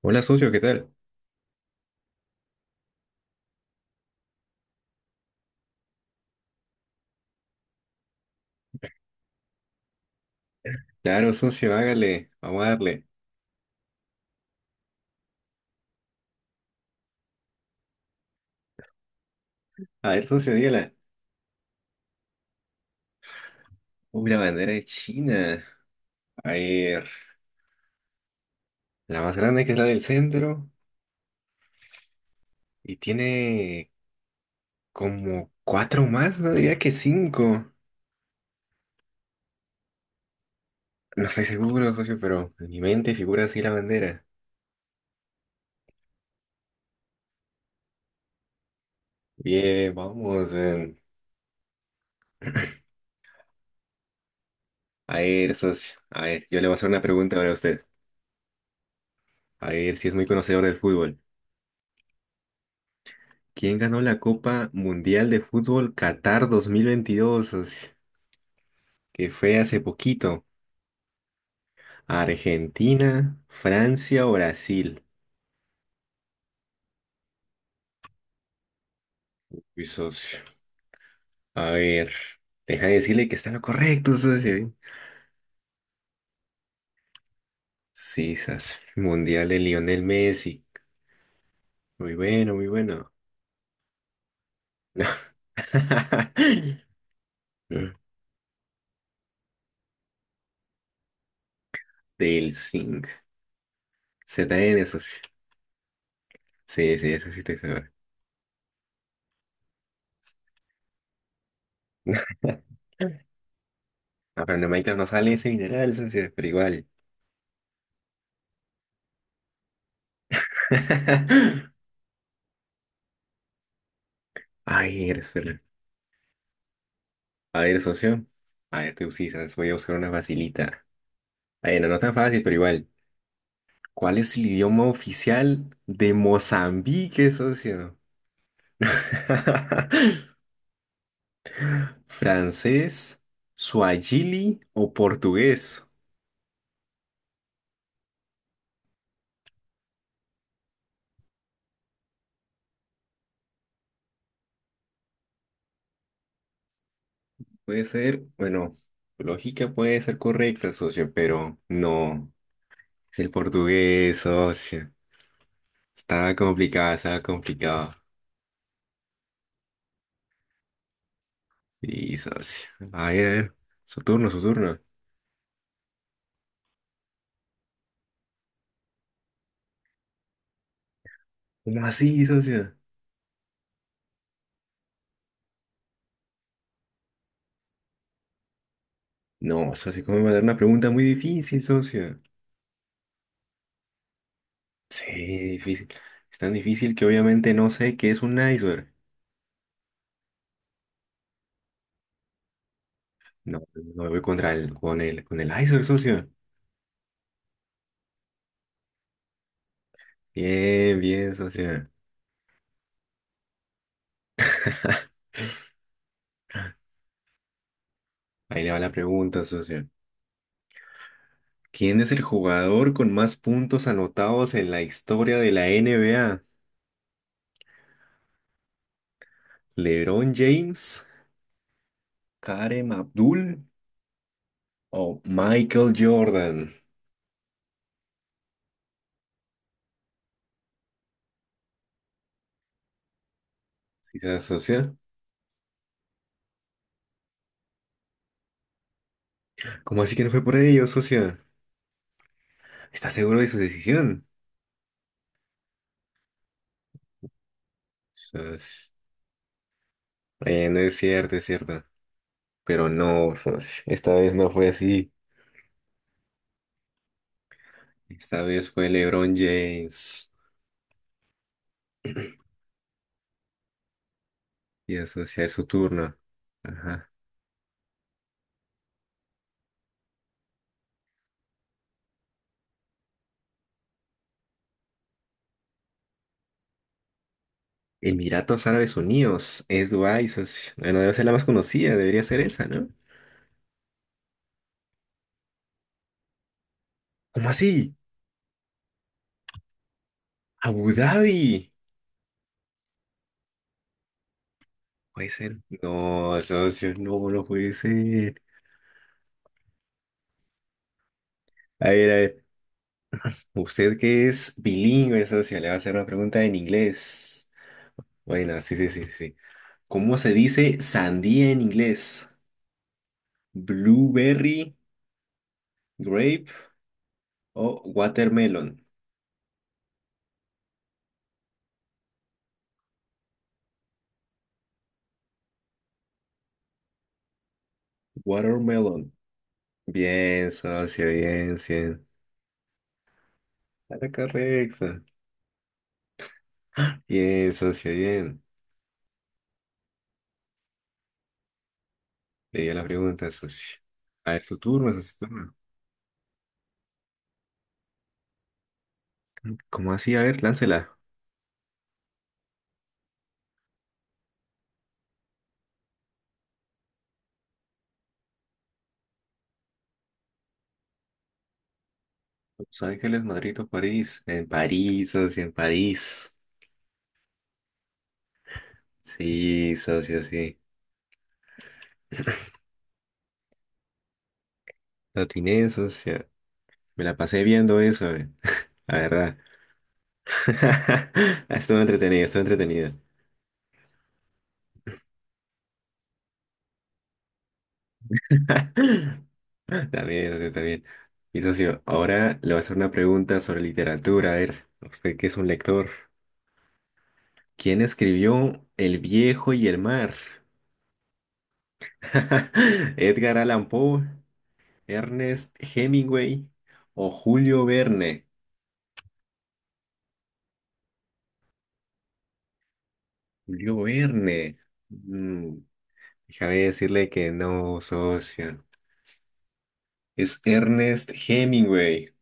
Hola, socio, ¿qué tal? Claro, socio, hágale, vamos a darle. A ver, socio, dígala. Uy, la bandera de China. A ver, la más grande que es la del centro y tiene como cuatro más, no diría que cinco. No estoy seguro, socio, pero en mi mente figura así la bandera. Bien, vamos. A ver, socio, a ver, yo le voy a hacer una pregunta para usted. A ver si es muy conocedor del fútbol. ¿Quién ganó la Copa Mundial de Fútbol Qatar 2022, socio? Que fue hace poquito. Argentina, Francia o Brasil. Mi socio. A ver, deja de decirle que está en lo correcto, socio. Sí, sas. Mundial de Lionel Messi. Muy bueno, muy bueno. No. Del Zinc. ZN, socio. Sí, sí, eso sí estoy seguro. Ah, pero en Minecraft no sale ese mineral, socio, pero igual. Ay, eres ver. A ver, socio. A ver, te usas, voy a buscar una facilita. Bueno, no tan fácil, pero igual. ¿Cuál es el idioma oficial de Mozambique, socio? ¿Francés, suajili o portugués? Puede ser, bueno, tu lógica puede ser correcta, socio, pero no. Es el portugués, socio. Estaba complicado, estaba complicado. Sí, socio. A ver, a ver. Su turno, su turno. ¿Cómo así, socio? No, socio, ¿cómo me va a dar una pregunta muy difícil, socio? Sí, difícil. Es tan difícil que obviamente no sé qué es un iceberg. No, no me voy contra el iceberg, socio. Bien, bien, socio. Ahí le va la pregunta, socio. ¿Quién es el jugador con más puntos anotados en la historia de la NBA? ¿LeBron James, Kareem Abdul o Michael Jordan? ¿Sí se asocia? ¿Cómo así que no fue por ello, socio? ¿Está seguro de su decisión? Sos- no es cierto, es cierto. Pero no, socio, esta vez no fue así. Esta vez fue LeBron James. Y asociar su turno. Ajá. Emiratos Árabes Unidos. Es Dubái, socio. Bueno, debe ser la más conocida, debería ser esa, ¿no? ¿Cómo así? Abu Dhabi. Puede ser. No, socio, no, no puede ser. A ver, a ver. Usted que es bilingüe, socio, le va a hacer una pregunta en inglés. Bueno, sí, sí, sí, sí. ¿Cómo se dice sandía en inglés? Blueberry. Grape. Oh, watermelon. Watermelon. Bien, socio, bien, bien. Era correcto. Bien, socio, bien. Leí la pregunta, socio. A ver, su turno, socio, su turno. ¿Cómo así? A ver, láncela. Los Ángeles, Madrid o París. En París, socio, en París. Sí, socio, sí. Lo atiné, socio. Me la pasé viendo eso, la verdad. Estuvo entretenido, estuvo entretenido. También, socio, también. Y socio, ahora le voy a hacer una pregunta sobre literatura. A ver, usted que es un lector, ¿quién escribió El viejo y el mar? ¿Edgar Allan Poe, Ernest Hemingway o Julio Verne? Julio Verne. Mm, déjame decirle que no, socio. Es Ernest Hemingway.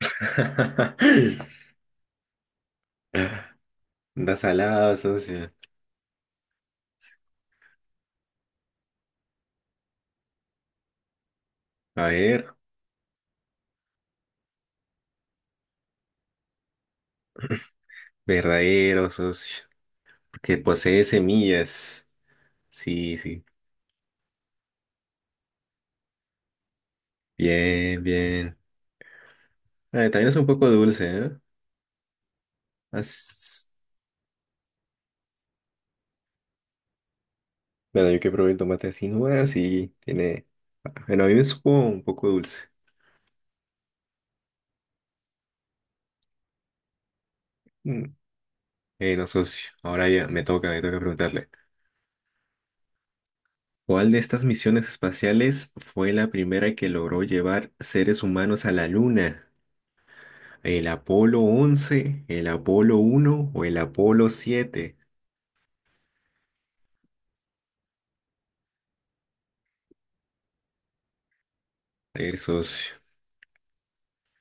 Anda salado, socio. A ver. Verdadero, socio. Porque posee semillas. Sí, sí. Bien, bien. Ah, también es un poco dulce, ¿eh? As- Bueno, yo que probé el tomate así nomás y tiene... Bueno, a mí me supo un poco dulce. Mm. No, socio. Ahora ya me toca preguntarle. ¿Cuál de estas misiones espaciales fue la primera que logró llevar seres humanos a la Luna? ¿El Apolo 11, el Apolo uno o el Apolo 7? A ver, socio.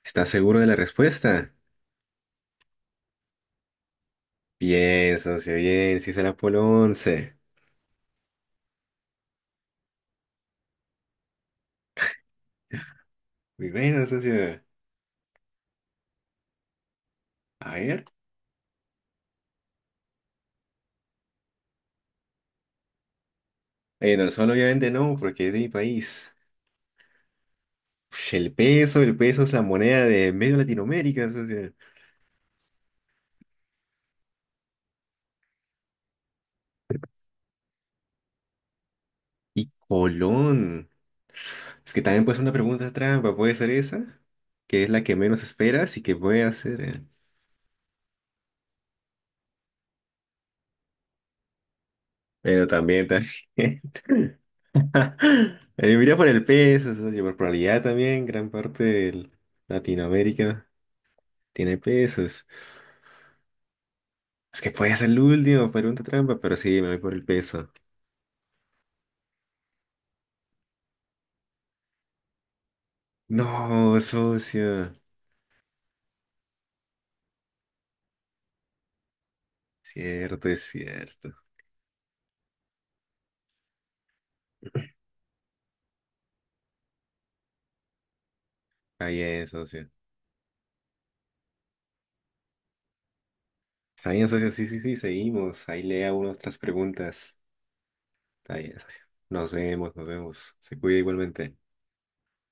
¿Estás seguro de la respuesta? Bien, socio, bien, sí es el Apolo 11. Muy bueno, socio. A ver. No, solo obviamente no, porque es de mi país. Ush, el peso es la moneda de medio Latinoamérica, socio. Y Colón. Es que también puede ser una pregunta trampa, puede ser esa, que es la que menos esperas y que puede hacer. Pero también, también. Mira por el peso, socio, por probabilidad también, gran parte de Latinoamérica. Tiene pesos. Es que puede ser el último, pregunta trampa, pero sí, me voy por el peso. No, socio. Cierto, es cierto. Está bien, socio. Está bien, socio. Sí, sí, sí, seguimos. Ahí lea unas otras preguntas. Está bien, socio. Nos vemos, nos vemos. Se cuida igualmente.